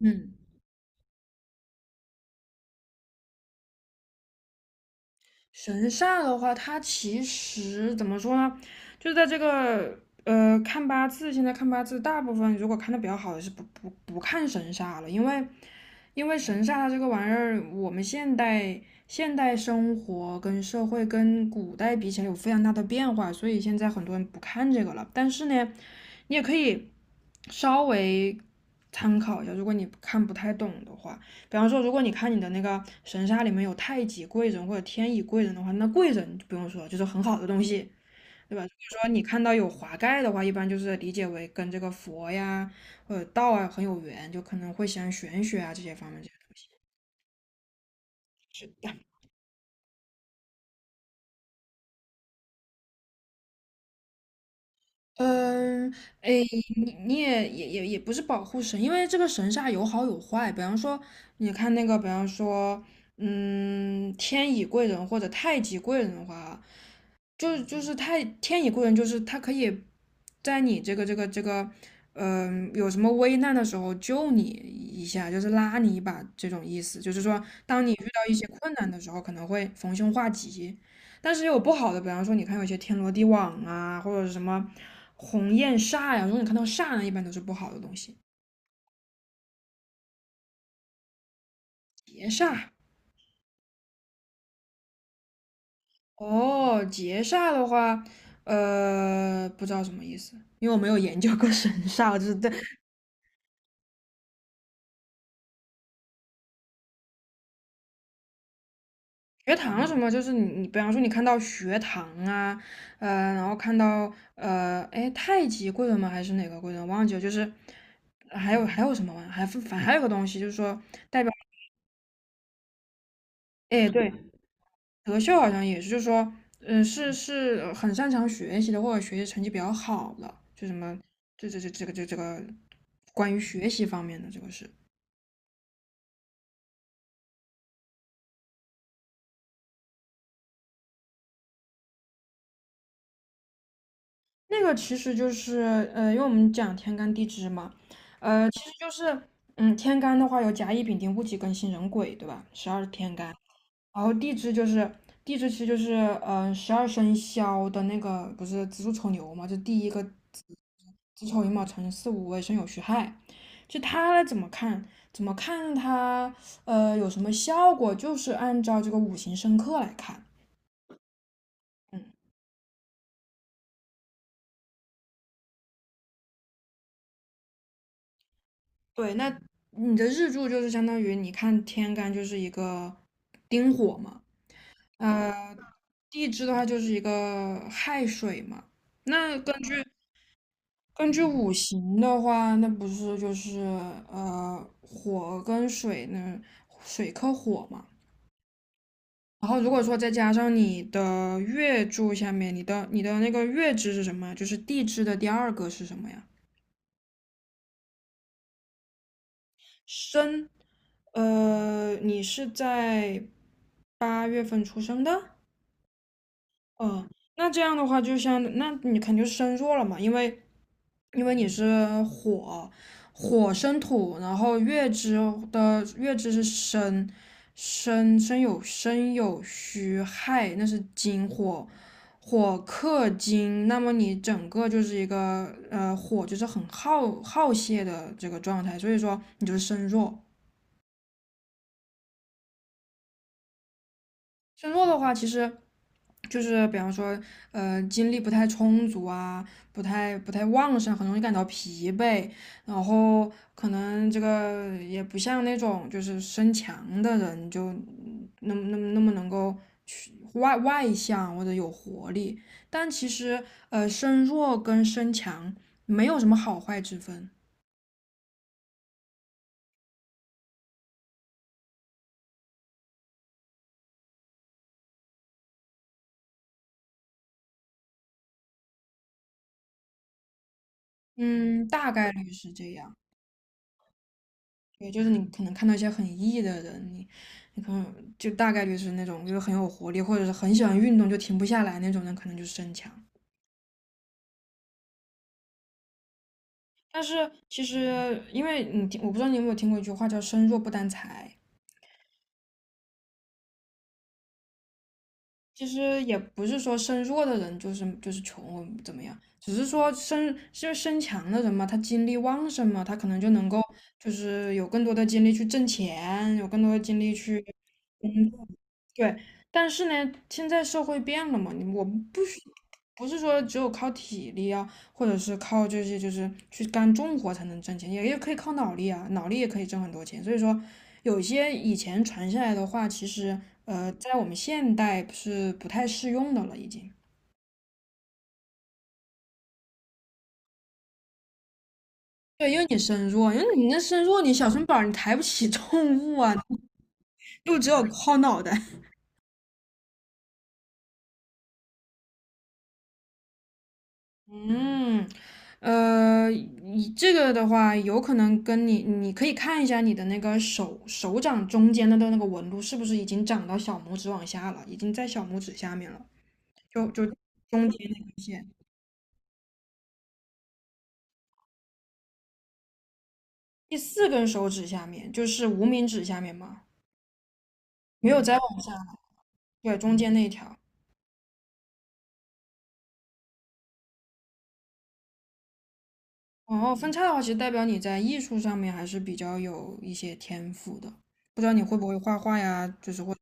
嗯，神煞的话，它其实怎么说呢？就在这个看八字，现在看八字，大部分如果看的比较好的是不看神煞了，因为神煞它这个玩意儿，我们现代生活跟社会跟古代比起来有非常大的变化，所以现在很多人不看这个了。但是呢，你也可以稍微参考一下，如果你看不太懂的话。比方说，如果你看你的那个神煞里面有太极贵人或者天乙贵人的话，那贵人就不用说了，就是很好的东西，对吧？如果说你看到有华盖的话，一般就是理解为跟这个佛呀或者道啊很有缘，就可能会喜欢玄学啊这些方面这些东西。是的，嗯，哎，你也不是保护神，因为这个神煞有好有坏。比方说，你看那个，比方说，嗯，天乙贵人或者太极贵人的话，就是他天以贵人，就是他可以在你有什么危难的时候救你一下，就是拉你一把这种意思。就是说，当你遇到一些困难的时候，可能会逢凶化吉。但是也有不好的，比方说，你看有些天罗地网啊，或者是什么鸿雁煞呀、如果你看到煞呢，一般都是不好的东西。劫煞哦，劫煞的话，不知道什么意思，因为我没有研究过 神煞，我就是对学堂什么，就是你，比方说你看到学堂啊，然后看到哎，太极贵人吗？还是哪个贵人？忘记了，就是还有什么玩意还有个东西，就是说代表，哎，对，德秀好像也是，就是说，是很擅长学习的，或者学习成绩比较好的，就什么，这个关于学习方面的这个是。那个其实就是，因为我们讲天干地支嘛，就是嗯，天干的话有甲乙丙丁戊己庚辛壬癸，对吧？十二天干，然后地支就是其实就是嗯，十二生肖的那个不是子鼠丑牛嘛，就第一个子子丑寅卯辰巳午未申酉戌亥，就它怎么看？怎么看它？有什么效果？就是按照这个五行生克来看。嗯，对，那你的日柱就是相当于你看天干就是一个丁火嘛，呃，地支的话就是一个亥水嘛。那根据五行的话，那不是就是火跟水呢，水克火嘛。然后如果说再加上你的月柱下面，你的那个月支是什么呀？就是地支的第二个是什么呀？申。呃，你是在八月份出生的？哦，那这样的话，就像那你肯定是身弱了嘛，因为你是火，火生土，然后的月支是申，申有戌亥，那是金火，火克金，那么你整个就是一个火就是很耗泄的这个状态，所以说你就是身弱。身弱的话，其实就是比方说，精力不太充足啊，不太旺盛，很容易感到疲惫，然后可能这个也不像那种就是身强的人，就嗯那么能够去外向或者有活力。但其实，身弱跟身强没有什么好坏之分，嗯，大概率是这样。也就是你可能看到一些很 E 的人，你可能就大概率是那种就是很有活力，或者是很喜欢运动就停不下来那种人，可能就是身强。但是其实，因为你听，我不知道你有没有听过一句话叫"身弱不担财"，其实也不是说身弱的人就是穷或怎么样，只是说就是身强的人嘛，他精力旺盛嘛，他可能就能够就是有更多的精力去挣钱，有更多的精力去。对，但是呢，现在社会变了嘛，我们不是说只有靠体力啊，或者是靠这些就是去干重活才能挣钱，也可以靠脑力啊，脑力也可以挣很多钱。所以说，有些以前传下来的话，其实在我们现代是不太适用的了，已经。对，因为你身弱，因为你那身弱，你小身板儿你抬不起重物啊，就只有靠脑袋。嗯，你这个的话，有可能跟你，你可以看一下你的那个手掌中间的那个纹路是不是已经长到小拇指往下了，已经在小拇指下面了，就就中间那根线，第四根手指下面就是无名指下面嘛，没有再往下了，对，中间那一条。然后分叉的话，其实代表你在艺术上面还是比较有一些天赋的，不知道你会不会画画呀，就是会。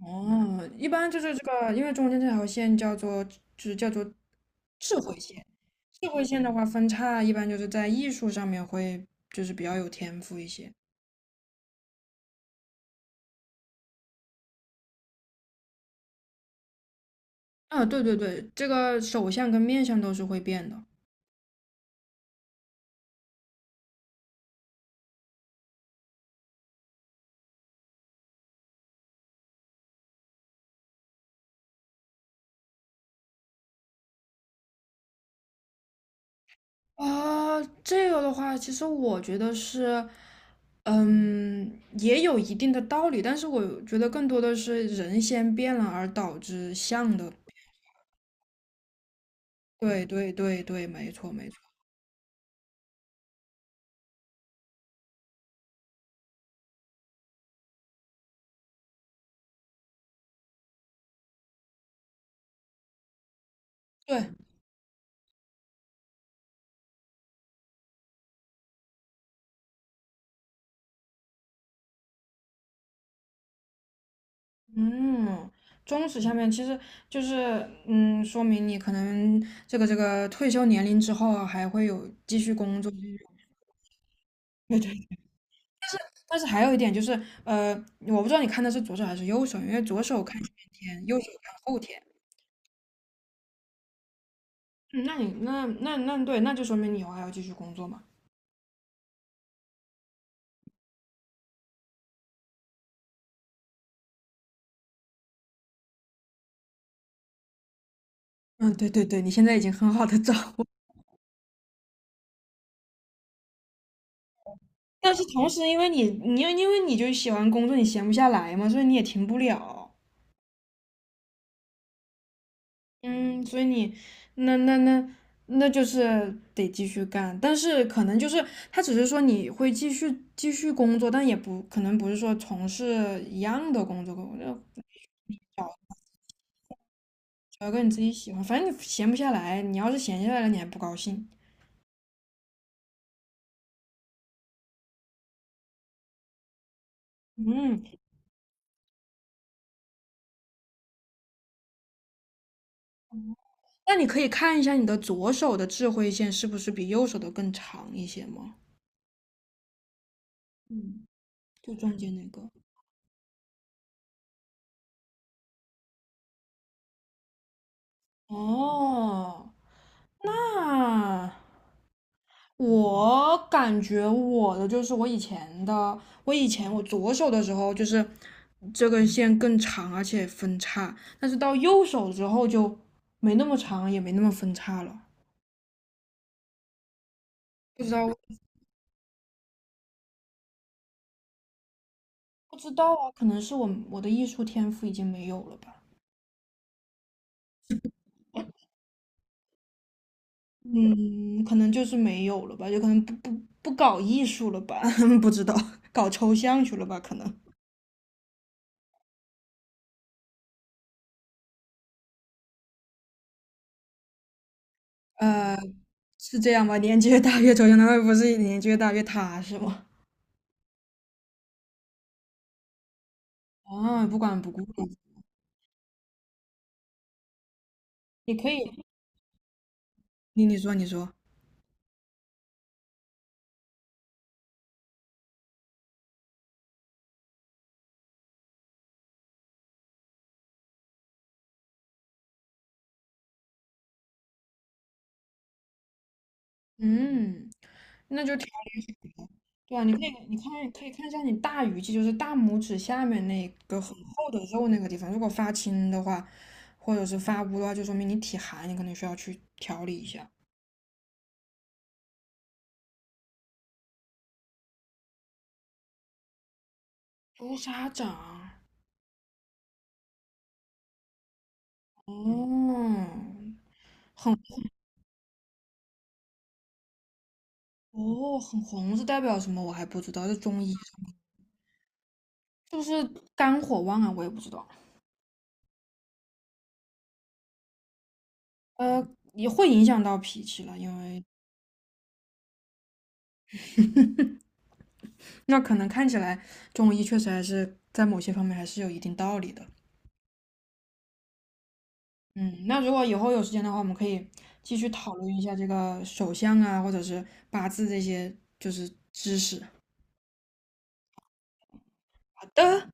哦，一般就是这个，因为中间这条线叫做，就是叫做智慧线。智慧线的话，分叉一般就是在艺术上面会就是比较有天赋一些。啊，对对对，这个手相跟面相都是会变的。啊，这个的话，其实我觉得是，嗯，也有一定的道理，但是我觉得更多的是人先变了，而导致相的。对对对对，没错没错。对，嗯，中史下面其实就是，嗯，说明你可能这个退休年龄之后啊还会有继续工作这种对 对。但是还有一点就是，呃，我不知道你看的是左手还是右手，因为左手看前天，右手看后天。嗯，那你那那那对，那就说明你以后还要继续工作嘛。嗯，对对对，你现在已经很好的掌握，但是同时因为你就喜欢工作，你闲不下来嘛，所以你也停不了。嗯，所以你那那那那就是得继续干，但是可能就是他只是说你会继续工作，但也不可能不是说从事一样的工作，就找个你自己喜欢，反正你闲不下来，你要是闲下来了，你还不高兴。嗯，那你可以看一下你的左手的智慧线是不是比右手的更长一些吗？嗯，就中间那个。哦，那。我感觉我的就是我以前的，我以前我左手的时候就是这根线更长，而且分叉，但是到右手之后就没那么长，也没那么分叉了。不知道，不知道啊，可能是我的艺术天赋已经没有了吧。嗯，可能就是没有了吧，有可能不搞艺术了吧，不知道，搞抽象去了吧，可能。呃，是这样吧？年纪越大越抽象，那会不是年纪越大越踏实吗？啊，不管不顾了你可以，你说，嗯，那就调理水下。对啊，你可以，你看，可以看一下你大鱼际，就是大拇指下面那个很厚的肉那个地方，如果发青的话，或者是发乌的话，就说明你体寒，你可能需要去调理一下。朱砂掌，哦，很哦，很红是代表什么？我还不知道，这中医是不是肝火旺啊？我也不知道。呃，也会影响到脾气了，因为那可能看起来中医确实还是在某些方面还是有一定道理的。嗯，那如果以后有时间的话，我们可以继续讨论一下这个手相啊，或者是八字这些就是知识。好的。